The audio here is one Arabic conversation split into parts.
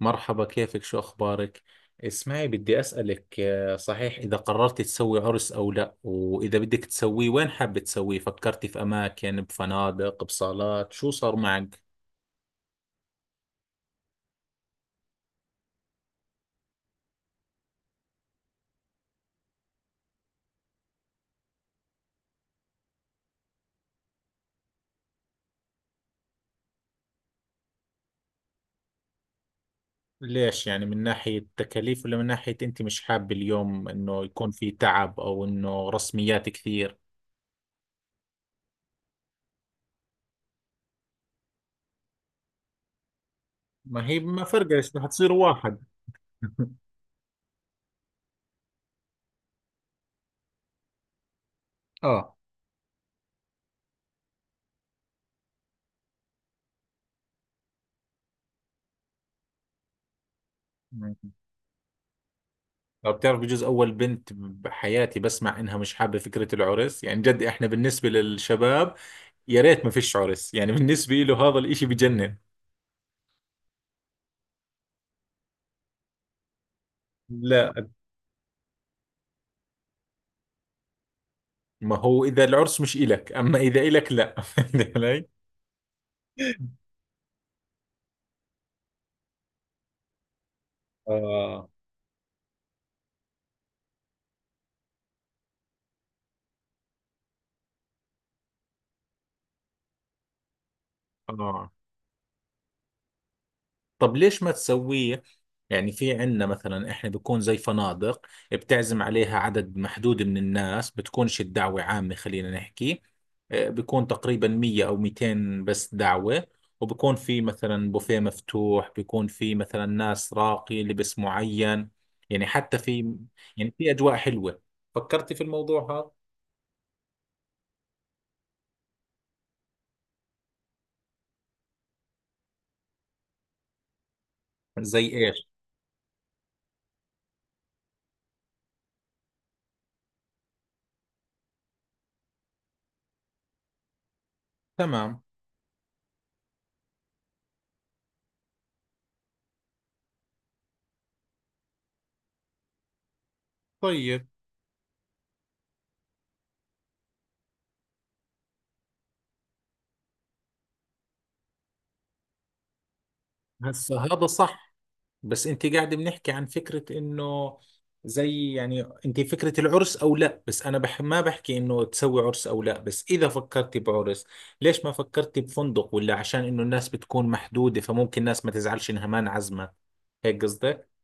مرحبا، كيفك؟ شو أخبارك؟ اسمعي، بدي أسألك صحيح إذا قررت تسوي عرس أو لا، وإذا بدك تسويه وين حابة تسويه؟ فكرتي في أماكن، بفنادق، بصالات، شو صار معك؟ ليش؟ يعني من ناحية تكاليف، ولا من ناحية أنت مش حابة اليوم إنه يكون في تعب أو إنه رسميات كثير؟ ما هي ما فرقش، رح تصير واحد. اه. لو بتعرف، بجوز أول بنت بحياتي بسمع إنها مش حابة فكرة العرس. يعني جد، إحنا بالنسبة للشباب يا ريت ما فيش عرس، يعني بالنسبة له هذا الاشي بجنن. لا، ما هو اذا العرس مش إلك، اما اذا إلك لا. فهمت علي؟ آه. اه. طب ليش ما تسويه؟ يعني في عندنا مثلا، احنا بيكون زي فنادق، بتعزم عليها عدد محدود من الناس، بتكونش الدعوة عامة، خلينا نحكي بيكون تقريبا 100 او 200 بس دعوة. وبكون في مثلا بوفيه مفتوح، بيكون في مثلا ناس راقي، لبس معين، يعني حتى في يعني في اجواء حلوة. فكرتي في الموضوع هذا؟ زي ايش؟ تمام. طيب. هسه هذا صح، بس انت قاعد بنحكي عن فكرة انه، زي يعني، انت فكرة العرس او لا، بس انا ما بحكي انه تسوي عرس او لا، بس اذا فكرتي بعرس ليش ما فكرتي بفندق؟ ولا عشان انه الناس بتكون محدودة، فممكن الناس ما تزعلش انها ما انعزمت، هيك قصدك؟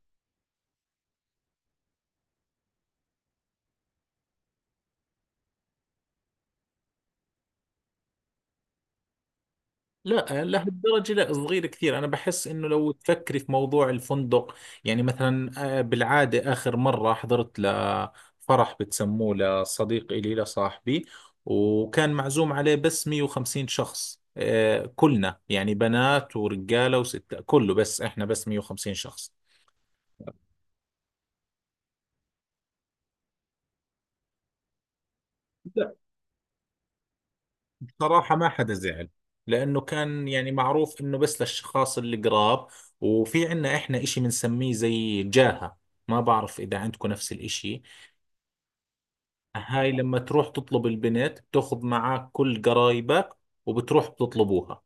لا، لهالدرجة لا، صغير كثير. أنا بحس إنه لو تفكري في موضوع الفندق، يعني مثلا، بالعادة آخر مرة حضرت لفرح بتسموه، لصديق إلي، لصاحبي، وكان معزوم عليه بس 150 شخص، كلنا يعني، بنات ورجالة وستة كله، بس إحنا بس 150 شخص. لا، بصراحة ما حدا زعل، لأنه كان يعني معروف إنه بس للأشخاص اللي قراب. وفي عنا إحنا إشي بنسميه زي جاهة، ما بعرف إذا عندكم نفس الإشي. هاي لما تروح تطلب البنت بتاخذ معك كل قرايبك، وبتروح بتطلبوها.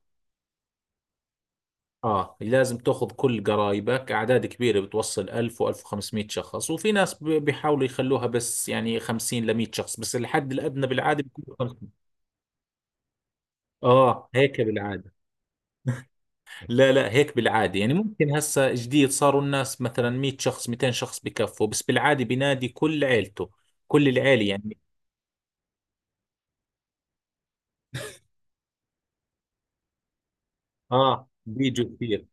اه، لازم تاخذ كل قرايبك، اعداد كبيره بتوصل 1000 و1500 شخص، وفي ناس بيحاولوا يخلوها بس يعني 50 ل 100 شخص، بس الحد الادنى بالعاده بيكون 500. اه، هيك بالعاده. لا لا، هيك بالعاده، يعني ممكن هسه جديد صاروا الناس مثلا 100 شخص، 200 شخص بكفوا، بس بالعاده بينادي كل عيلته، كل العيله يعني. اه، بيجوا كثير.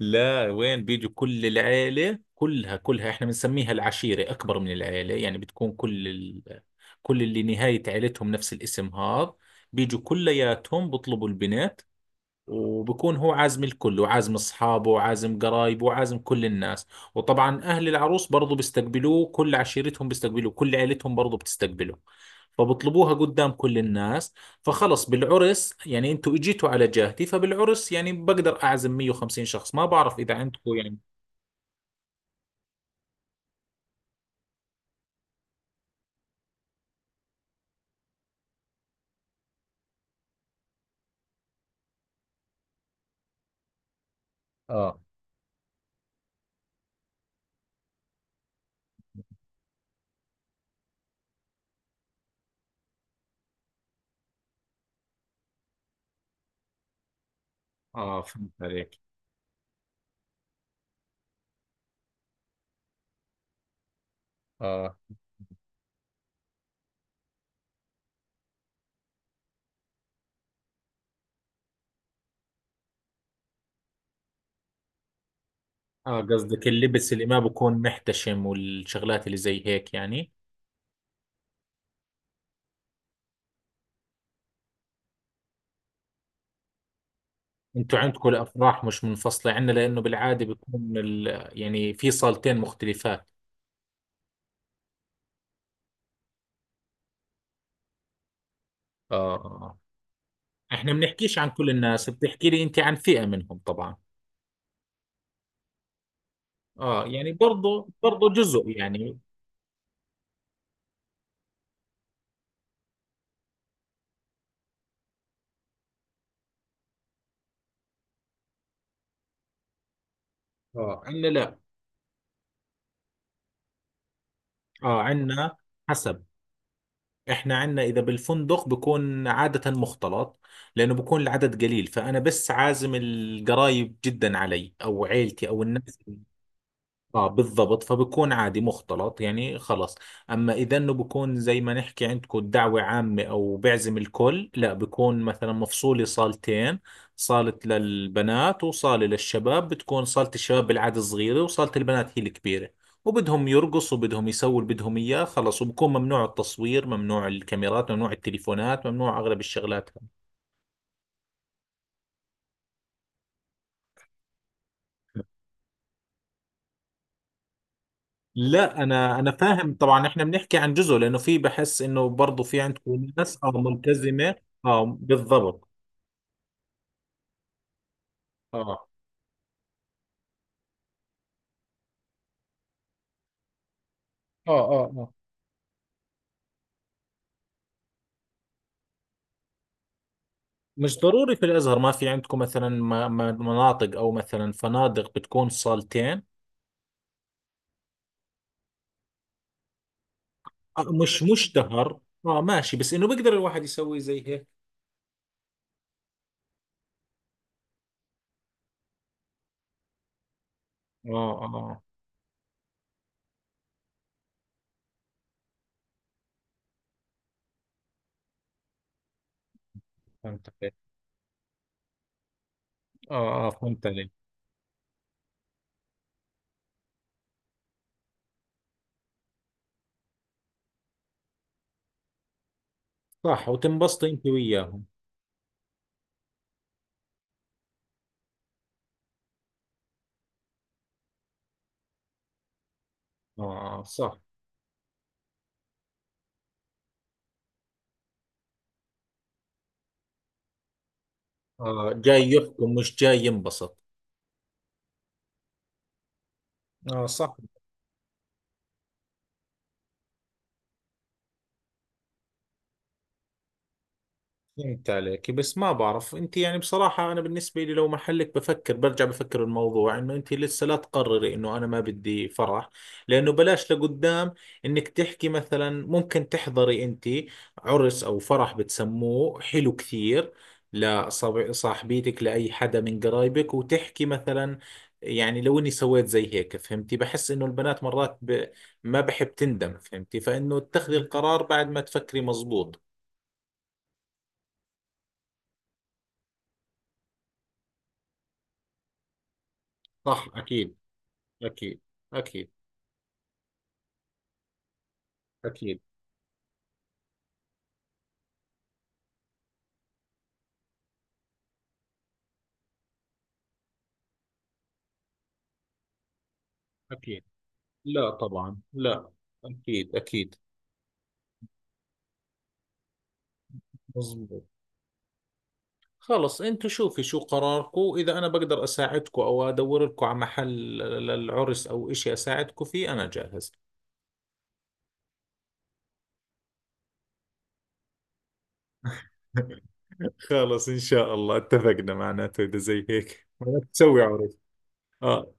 لا، وين؟ بيجوا كل العيلة كلها كلها. احنا بنسميها العشيرة، أكبر من العيلة، يعني بتكون كل كل اللي نهاية عيلتهم نفس الاسم هذا، بيجوا كلياتهم بطلبوا البنت. وبكون هو عازم الكل، وعازم اصحابه، وعازم قرايبه، وعازم كل الناس. وطبعا اهل العروس برضو بيستقبلوه، كل عشيرتهم بيستقبلوه، كل عيلتهم برضو بتستقبله، فبطلبوها قدام كل الناس. فخلص بالعرس يعني، انتوا اجيتوا على جهتي، فبالعرس يعني بقدر اعزم 150 شخص، ما بعرف اذا عندكم يعني. اه اه، فهمت عليك. اه اه، قصدك اللبس اللي ما بكون محتشم والشغلات اللي زي هيك يعني. انتوا عندكم الافراح مش منفصله، عندنا لانه بالعاده بيكون يعني في صالتين مختلفات. اه، احنا بنحكيش عن كل الناس، بتحكي لي انت عن فئه منهم طبعا. اه يعني، برضو برضو جزء يعني. اه، عندنا لا. اه، عندنا حسب. احنا عندنا اذا بالفندق بكون عاده مختلط، لانه بكون العدد قليل، فانا بس عازم القرايب جدا علي، او عيلتي، او الناس. اه، بالضبط، فبكون عادي مختلط يعني خلص. اما اذا انه بكون زي ما نحكي عندكم دعوة عامة او بعزم الكل، لا، بكون مثلا مفصولي صالتين، صالة للبنات وصالة للشباب. بتكون صالة الشباب بالعادة صغيرة، وصالة البنات هي الكبيرة، وبدهم يرقصوا، بدهم يسووا اللي بدهم اياه، خلص. وبكون ممنوع التصوير، ممنوع الكاميرات، ممنوع التليفونات، ممنوع اغلب الشغلات. لا، انا فاهم طبعا، احنا بنحكي عن جزء، لانه في، بحس انه برضه في عندكم ناس ملتزمه. اه، بالضبط. اه اه. اه اه، مش ضروري في الازهر، ما في عندكم مثلا مناطق او مثلا فنادق بتكون صالتين؟ آه، مش مشتهر. اه ماشي، بس انه بيقدر الواحد يسوي زي هيك. اه اه، فهمت عليك. اه اه، فهمت عليك. صح، وتنبسطي انت وياهم. اه آه، صح. اه، جاي يحكم مش جاي ينبسط. اه، صح. فهمت عليك، بس ما بعرف انت، يعني بصراحة انا بالنسبة لي لو محلك بفكر، برجع بفكر الموضوع انه انت لسه لا تقرري انه انا ما بدي فرح، لانه بلاش لقدام انك تحكي مثلا، ممكن تحضري انت عرس او فرح بتسموه حلو كثير لصاحبيتك، لأي حدا من قرايبك، وتحكي مثلا يعني لو اني سويت زي هيك، فهمتي، بحس انه البنات مرات ما بحب تندم، فهمتي، فانه تاخذي القرار بعد ما تفكري مزبوط. صح. أكيد، أكيد، أكيد. أكيد، أكيد، لا طبعا لا، أكيد أكيد. مظبوط. خلص أنتوا شوفي شو قراركم، إذا أنا بقدر أساعدكم أو أدور لكم على محل للعرس أو إشي أساعدكم فيه، أنا جاهز. خلص إن شاء الله اتفقنا معناته، إذا زي هيك معناته تسوي عرس. آه.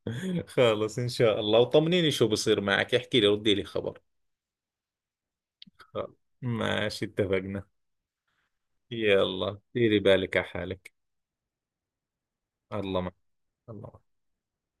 خلص إن شاء الله، وطمنيني شو بصير معك، احكي لي، ردي لي خبر. خلص. ماشي، اتفقنا. يلا، ديري بالك على حالك. الله معك. الله معك.